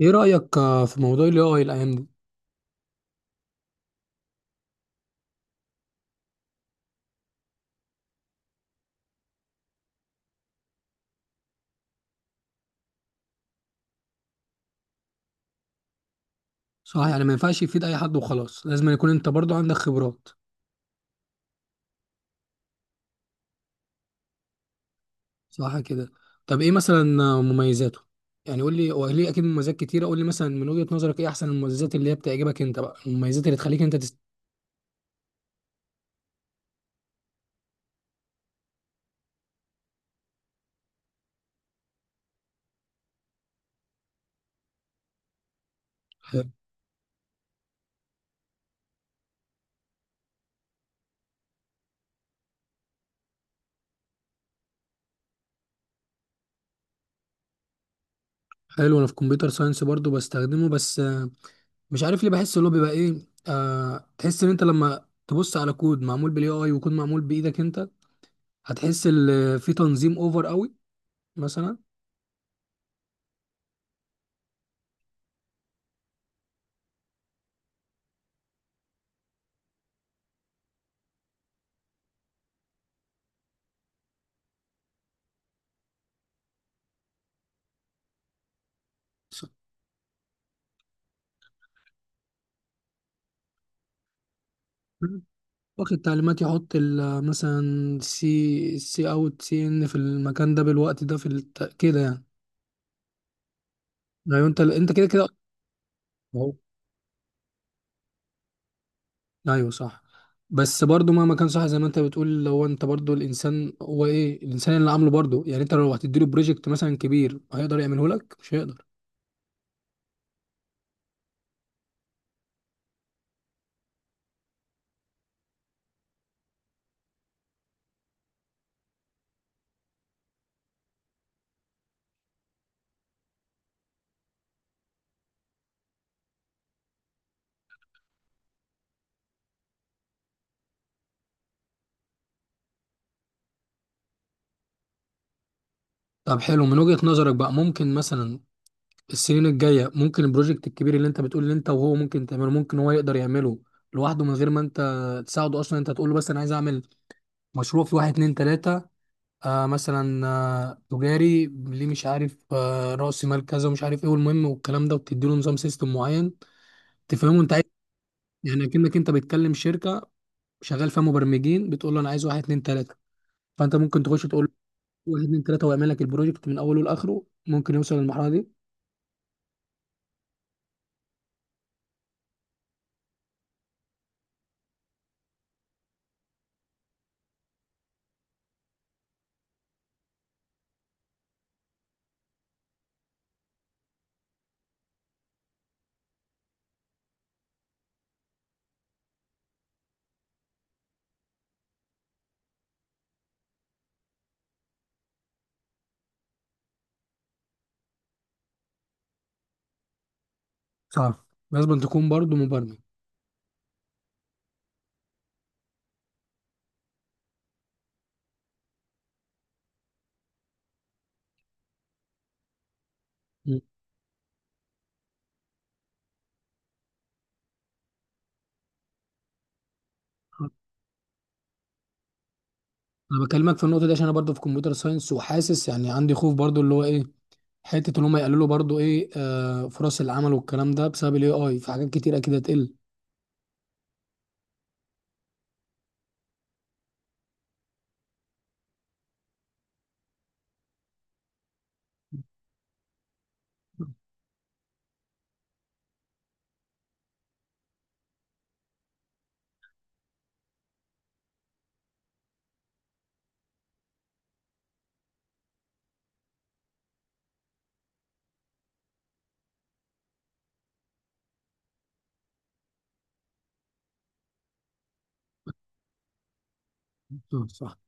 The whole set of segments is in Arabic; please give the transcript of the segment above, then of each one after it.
ايه رأيك في موضوع ال AI الايام دي؟ صح، يعني ما ينفعش يفيد اي حد وخلاص، لازم يكون انت برضو عندك خبرات. صح كده. طب ايه مثلا مميزاته؟ يعني قول لي، هو ليه اكيد مميزات كتيرة. قول لي مثلا من وجهة نظرك ايه احسن المميزات اللي هي بتعجبك انت بقى، المميزات اللي تخليك انت حلو. حلو، انا في كمبيوتر ساينس برضو بستخدمه، بس مش عارف ليه بحس اللي هو بيبقى ايه، تحس ان انت لما تبص على كود معمول بالاي اي وكود معمول بايدك انت، هتحس ان في تنظيم اوفر قوي مثلا. واخد تعليمات يحط مثلا سي سي اوت سي ان في المكان ده بالوقت ده في كده يعني. ايوه، انت كده كده. أهو. ايوه صح. بس برضو مهما كان، صح زي ما انت بتقول، لو انت برضو الانسان هو ايه الانسان اللي عامله برضو يعني، انت لو هتديله بروجكت مثلا كبير هيقدر يعمله لك؟ مش هيقدر. طب حلو، من وجهة نظرك بقى ممكن مثلا السنين الجاية، ممكن البروجكت الكبير اللي انت بتقول اللي انت وهو ممكن تعمله، ممكن هو يقدر يعمله لوحده من غير ما انت تساعده اصلا؟ انت تقول له بس انا عايز اعمل مشروع في واحد اتنين تلاتة، مثلا تجاري ليه مش عارف، رأس مال كذا ومش عارف ايه، والمهم والكلام ده، وبتدي له نظام سيستم معين تفهمه انت عايز إيه؟ يعني اكنك انت بتكلم شركة شغال فيها مبرمجين، بتقول له انا عايز واحد اتنين تلاتة، فانت ممكن تخش تقول له واحد اتنين تلاتة ويعمل لك البروجكت من اوله لاخره. ممكن يوصل للمرحلة دي؟ صح. لازم تكون برضو مبرمج. م. انا بكلمك في النقطة دي عشان انا برضو في كمبيوتر ساينس، وحاسس يعني عندي خوف برضو اللي هو ايه، حتة اللي هم يقللوا برضو ايه فرص العمل والكلام ده بسبب الاي اي، في حاجات كتير اكيد هتقل. مم، صح.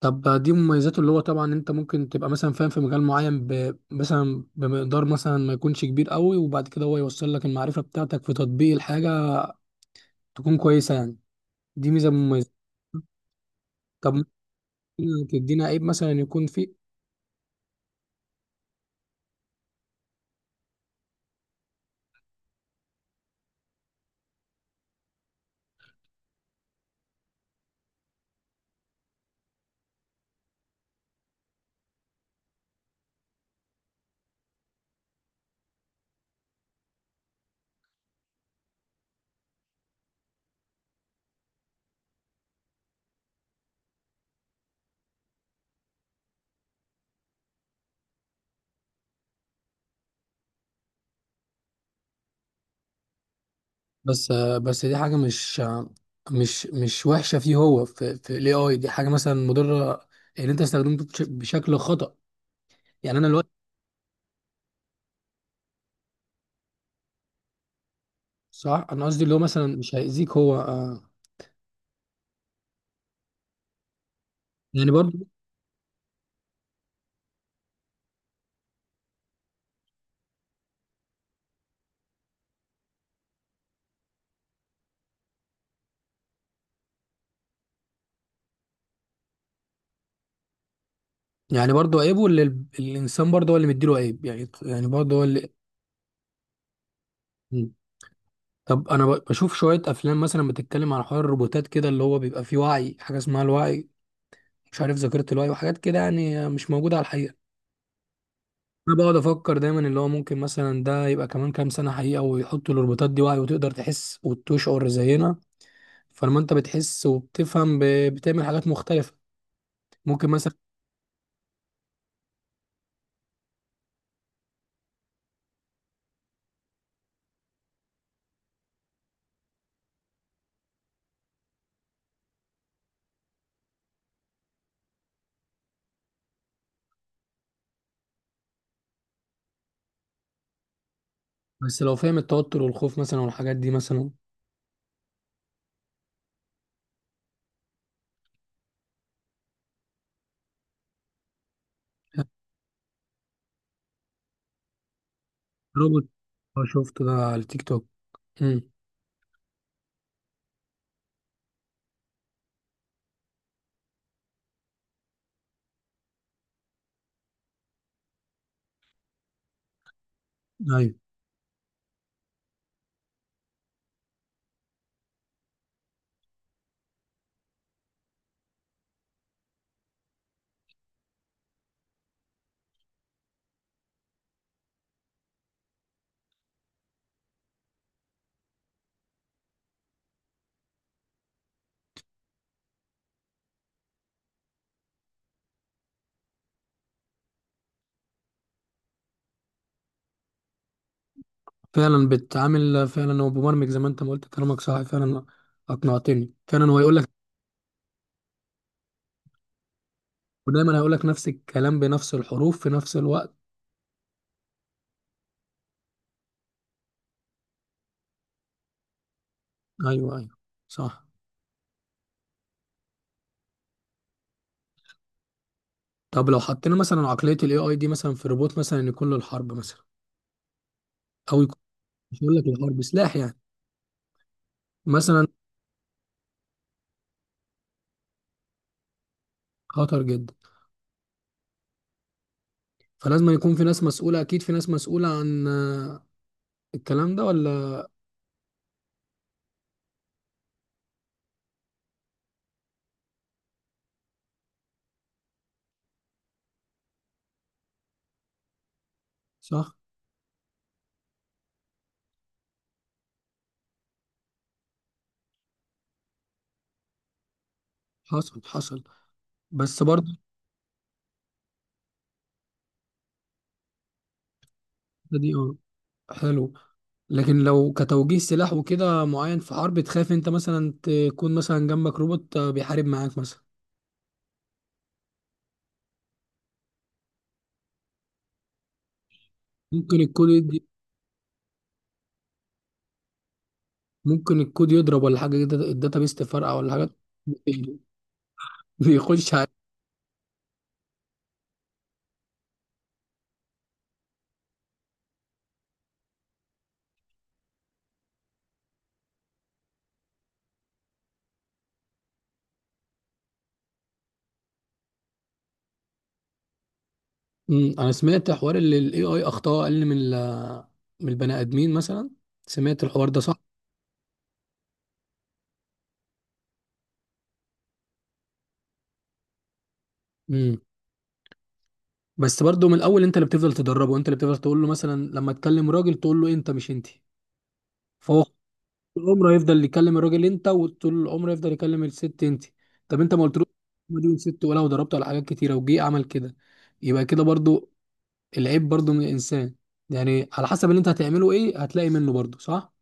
طب دي مميزاته، اللي هو طبعا انت ممكن تبقى مثلا فاهم في مجال معين مثلا بمقدار مثلا ما يكونش كبير قوي، وبعد كده هو يوصل لك المعرفة بتاعتك في تطبيق الحاجة تكون كويسة يعني. دي ميزة مميزة. طب ممكن تدينا عيب مثلا يكون فيه؟ بس بس دي حاجة مش وحشة فيه، هو في الاي اي دي حاجة مثلا مضرة ان انت استخدمته بشكل خطأ. يعني انا الوقت. صح، انا قصدي اللي هو مثلا مش هيأذيك هو يعني برضه. يعني برضه عيب، واللي الانسان برضه هو اللي مديله عيب يعني، يعني برضه هو اللي. مم. طب انا بشوف شويه افلام مثلا بتتكلم عن حوار الروبوتات كده، اللي هو بيبقى فيه وعي، حاجه اسمها الوعي، مش عارف ذاكره الوعي وحاجات كده، يعني مش موجوده على الحقيقه. انا بقعد افكر دايما اللي هو ممكن مثلا ده يبقى كمان كام سنه حقيقه، ويحطوا الروبوتات دي وعي، وتقدر تحس وتشعر زينا، فلما انت بتحس وبتفهم بتعمل حاجات مختلفه ممكن مثلا. بس لو فاهم التوتر والخوف مثلا والحاجات دي مثلا. روبوت. اه، شفته ده على التيك توك. امم. فعلا بتعامل، فعلا هو مبرمج زي ما انت ما قلت، كلامك صح فعلا، اقنعتني فعلا. هو يقول لك. ودايما هيقول لك نفس الكلام بنفس الحروف في نفس الوقت. ايوه، ايوه. صح. طب لو حطينا مثلا عقليه الاي اي دي مثلا في روبوت مثلا، يكون له الحرب مثلا، او يكون، مش هقول لك الحرب، سلاح يعني مثلا. خطر جدا. فلازم يكون في ناس مسؤوله، اكيد في ناس مسؤوله عن الكلام ده ولا؟ صح. حصل حصل. بس برضه. الحتة دي اه. حلو. لكن لو كتوجيه سلاح وكده معين في حرب، تخاف انت مثلا تكون مثلا جنبك روبوت بيحارب معاك مثلا؟ ممكن الكود يدي. ممكن الكود يضرب ولا حاجه كده، الداتابيس تفرقع ولا حاجه. بيخش على. مم، انا سمعت حوار ان الاي اي اخطاء اقل من من البني ادمين مثلا، سمعت الحوار ده؟ صح. امم. بس برضه من الاول انت اللي بتفضل تدربه، انت اللي بتفضل تقول له، مثلا لما تكلم راجل تقول له انت، مش انت، فهو العمر هيفضل يكلم الراجل انت، وطول العمر يفضل يكلم الست انت. طب انت ما قلتلوش ما دي ست، ولا وضربته على حاجات كتيره وجي عمل كده؟ يبقى كده برضو العيب برضو من الانسان، يعني على حسب اللي انت هتعمله ايه هتلاقي منه برضو. صح.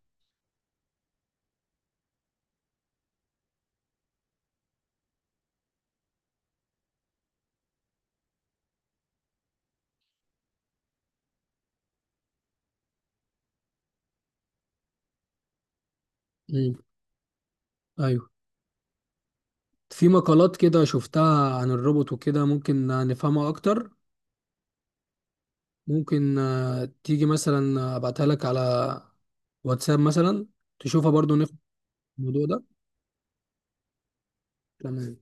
امم. ايوه. في مقالات كده شفتها عن الروبوت وكده، ممكن نفهمها اكتر. ممكن تيجي مثلا ابعتها لك على واتساب مثلا، تشوفها برضو نفهم الموضوع ده. تمام.